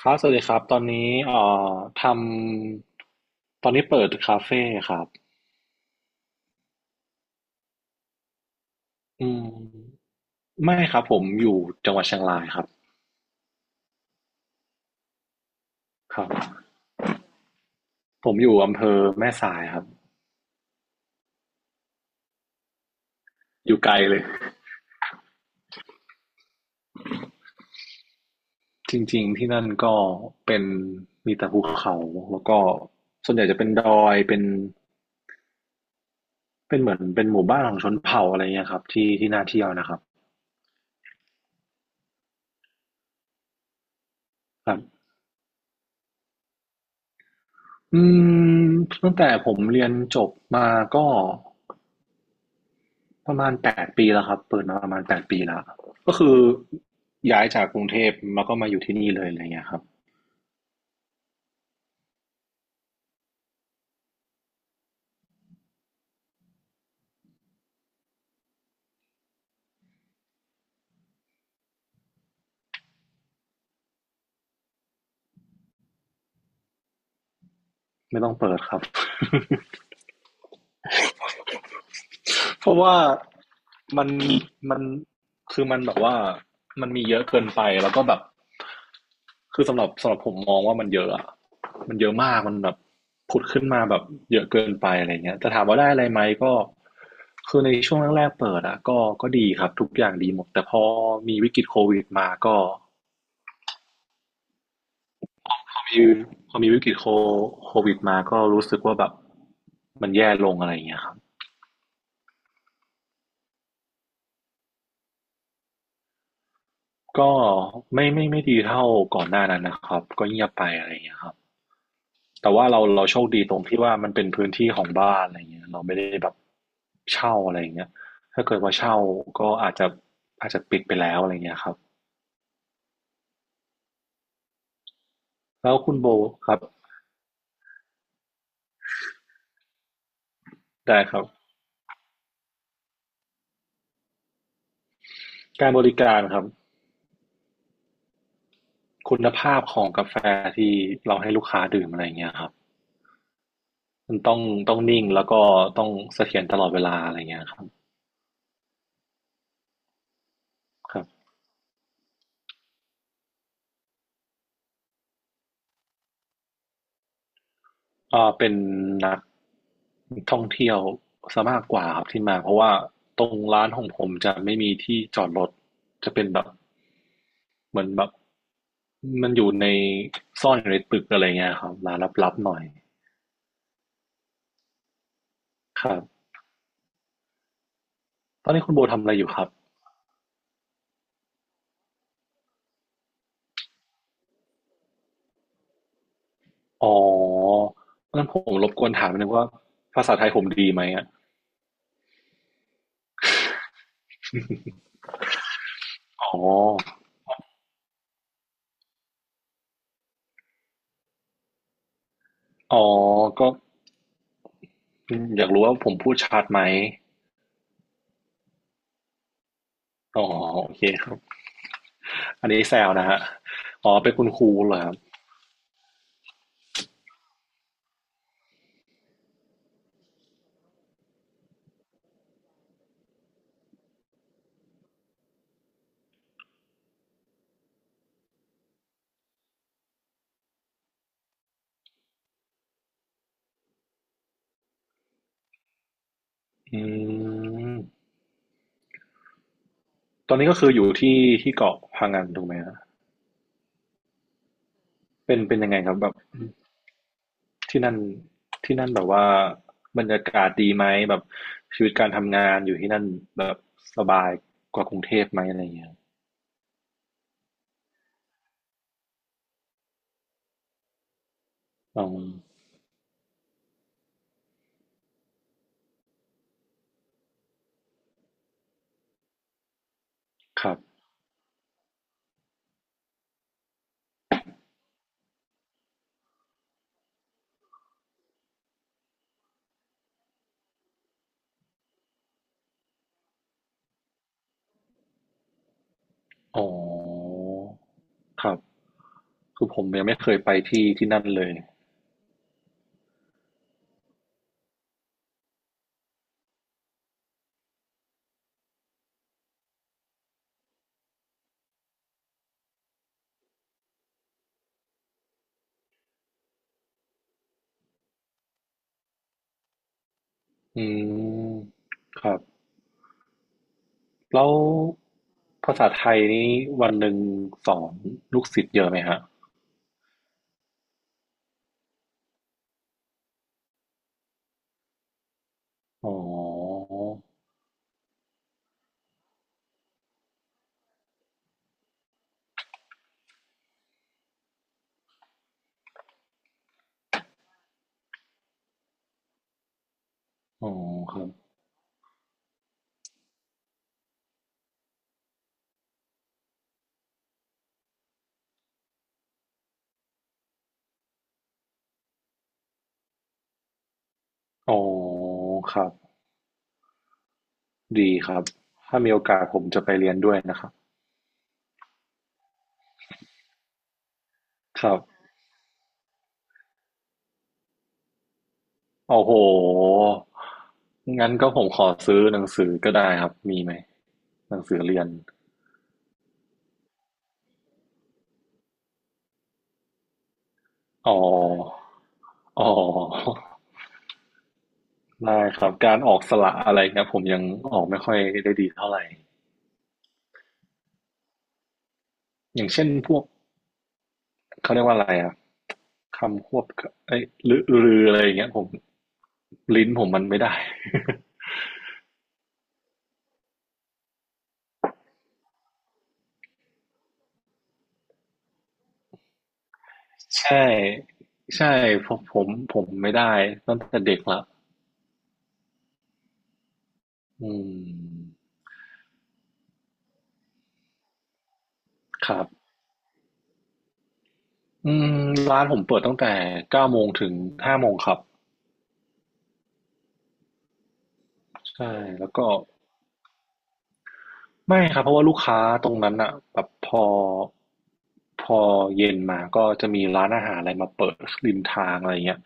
ครับสวัสดีครับตอนนี้เอ่อทำตอนนี้เปิดคาเฟ่ครับอืมไม่ครับผมอยู่จังหวัดเชียงรายครับครับผมอยู่อำเภอแม่สายครับอยู่ไกลเลยจริงๆที่นั่นก็เป็นมีแต่ภูเขาแล้วก็ส่วนใหญ่จะเป็นดอยเป็นเหมือนเป็นหมู่บ้านของชนเผ่าอะไรเงี้ยครับที่ที่น่าเที่ยวนะครับครับอืมตั้งแต่ผมเรียนจบมาก็ ประมาณแปดปีแล้วครับเปิดมาประมาณแปดปีแล้วก็คือย้ายจากกรุงเทพมาก็มาอยู่ที่นี่เลยอะไรเงี้ยครับไม่ต้องเปิดครับเพราะว่ามันมันคือมันแบบว่ามันมีเยอะเกินไปแล้วก็แบบคือสำหรับผมมองว่ามันเยอะอะมันเยอะมากมันแบบผุดขึ้นมาแบบเยอะเกินไปอะไรเงี้ยแต่ถามว่าได้อะไรไหมก็คือในช่วงแรกๆเปิดอะก็ดีครับทุกอย่างดีหมดแต่พอมีวิกฤตโควิดมาก็ มีพอมีวิกฤตโควิดมาก็รู้สึกว่าแบบมันแย่ลงอะไรอย่างเงี้ยครับก็ไม่ดีเท่าก่อนหน้านั้นนะครับก็เงียบไปอะไรอย่างเงี้ยครับแต่ว่าเราโชคดีตรงที่ว่ามันเป็นพื้นที่ของบ้านอะไรอย่างเงี้ยเราไม่ได้แบบเช่าอะไรอย่างเงี้ยถ้าเกิดว่าเช่าก็อาจจะปิดไปแล้วอะไรอย่างเงี้ยครับแล้วคุณโบครับได้ครับการบริการครับคุณภาพของกาแฟที่เราให้ลูกค้าดื่มอะไรอย่างเงี้ยครับ มันต้องนิ่งแล้วก็ต้องเสถียรตลอดเวลาอะไรเงี้ยครับครับอ่าเป็นนักท่องเที่ยวซะมากกว่าครับที่มาเพราะว่าตรงร้านของผมจะไม่มีที่จอดรถจะเป็นแบบเหมือนแบบมันอยู่ในซ่อนอยู่ในตึกอะไรเงี้ยครับร้านลับๆหน่อยครับตอนนี้คุณโบทำอะไรอยู่ครับอ๋องั้นผมรบกวนถามนิดนึงว่าภาษาไทยผมดีไหมอะอ๋ออ๋อก็อยากรู้ว่าผมพูดชัดไหม อ๋อโอเคครับอันนี้แซวนะครับอ๋อเป็นคุณครูเหรอครับอืมตอนนี้ก็คืออยู่ที่เกาะพะงันถูกไหมฮะเป็นเป็นยังไงครับแบบที่นั่นแบบว่าบรรยากาศดีไหมแบบชีวิตการทำงานอยู่ที่นั่นแบบสบายกว่ากรุงเทพไหมอะไรอย่างเงี้ยอ๋อครับอ๋อครับคือผมยังไม่เคยไปที่ที่นั่นเลยอืมครับ แล้วภาษาไทยนี่วันหนึ่งสอนลูกศิษย์เยอะไหมฮะอ๋ออ๋อครับอ๋อครับดีครับถ้ามีโอกาสผมจะไปเรียนด้วยนะครับครับโอ้โหงั้นก็ผมขอซื้อหนังสือก็ได้ครับมีไหมหนังสือเรียนอ๋ออ๋อได้ครับการออกสระอะไรเงี้ยผมยังออกไม่ค่อยได้ดีเท่าไหร่อย่างเช่นพวกเขาเรียกว่าอะไรอะ คำควบเอ้ยรือหรืออะไรอย่างเงี้ยผมลิ้นผมมันไม่ได้ ใช่ใช่ผมผมไม่ได้ตั้งแต่เด็กละอืมครับอืมร้านผมเปิดตั้งแต่เก้าโมงถึงห้าโมงครับใช่แล้วก็ ไม่ครับเพราะว่าลูกค้าตรงนั้นอะแบบพอเย็นมาก็จะมีร้านอาหารอะไรมาเปิดริมทางอะไรเงี้ย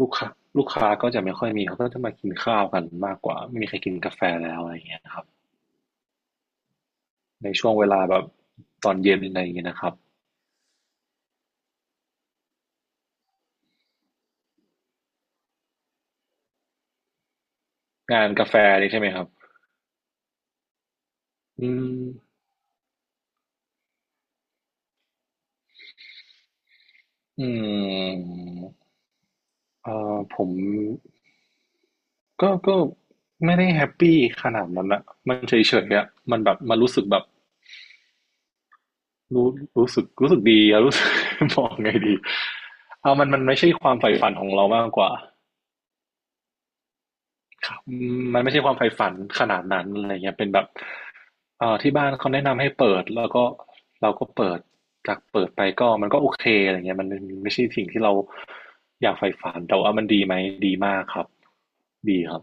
ลูกค้าก็จะไม่ค่อยมีเขาก็จะมากินข้าวกันมากกว่าไม่มีใครกินกาแฟแล้วอะไรเงี้ยครับในช่วงเวลาแบบตอนเย็นอะไรอย่างเงี้ยนะครับงานกาแฟนี่ใช่ไหมครับอืมอืมผมก็ไม่ได้แฮปปี้ขนาดนั้นอะมันเฉยๆอะมันแบบมันรู้สึกแบบ รู้รู้สึกดีอะ รู้สึก บอกไงดีเอามันไม่ใช่ความใฝ่ฝันของเรามากกว่าอืมมันไม่ใช่ความใฝ่ฝันขนาดนั้นอะไรเงี้ยเป็นแบบที่บ้านเขาแนะนำให้เปิดแล้วก็เราก็เปิดจากเปิดไปก็มันก็โอเคอะไรเงี้ยมันไม่ใช่สิ่งที่เราอยากใฝ่ฝันแต่ว่ามันดีไหมดีมากครับดีครับ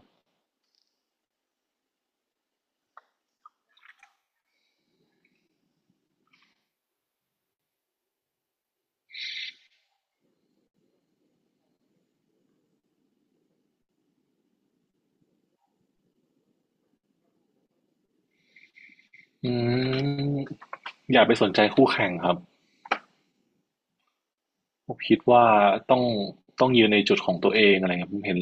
อืมอย่าไปสนใจคู่แข่งครับผมคิดว่าต้องต้องยืนในจุดของตัวเองอะไรเงี้ยผมเห็น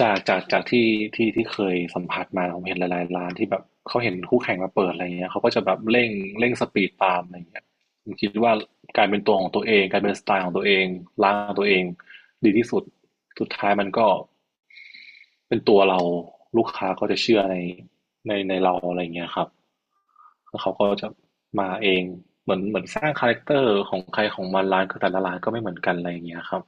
จากที่ที่เคยสัมผัสมาผมเห็นหลายๆร้านที่แบบเขาเห็นคู่แข่งมาเปิดอะไรเงี้ยเขาก็จะแบบเร่งสปีดตามอะไรเงี้ยผมคิดว่าการเป็นตัวของตัวเองการเป็นสไตล์ของตัวเองร้านของตัวเองดีที่สุดสุดท้ายมันก็เป็นตัวเราลูกค้าก็จะเชื่อในเราอะไรเงี้ยครับแล้วเขาก็จะมาเองเหมือนสร้างคาแรคเตอร์ของใครของมันร้านก็แต่ละร้านก็ไม่เหมือนกันอะไรเงี้ยครับ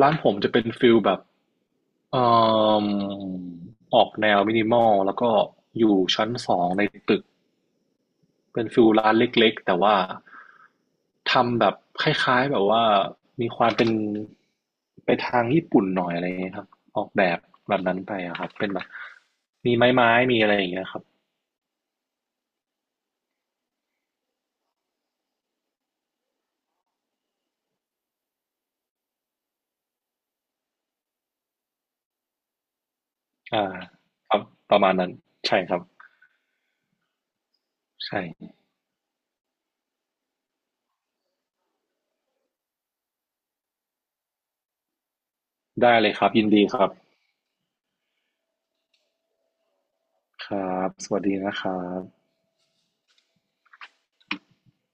ร้านผมจะเป็นฟิลแบบ เอ่อออกแนวมินิมอลแล้วก็อยู่ชั้นสองในตึกเป็นฟิลร้านเล็กๆแต่ว่าทำแบบคล้ายๆแบบว่ามีความเป็นไปทางญี่ปุ่นหน่อยอะไรอย่างเงี้ยครับออกแบบแบบนั้นไปอะครับเป็นแบบมีไม้ไม้มีอะไรอย่างเงี้ยครับอ่าครับประมาณนั้นใช่ครับใช่ได้เลยครับยินดีครับครับสวัสดีนะครับ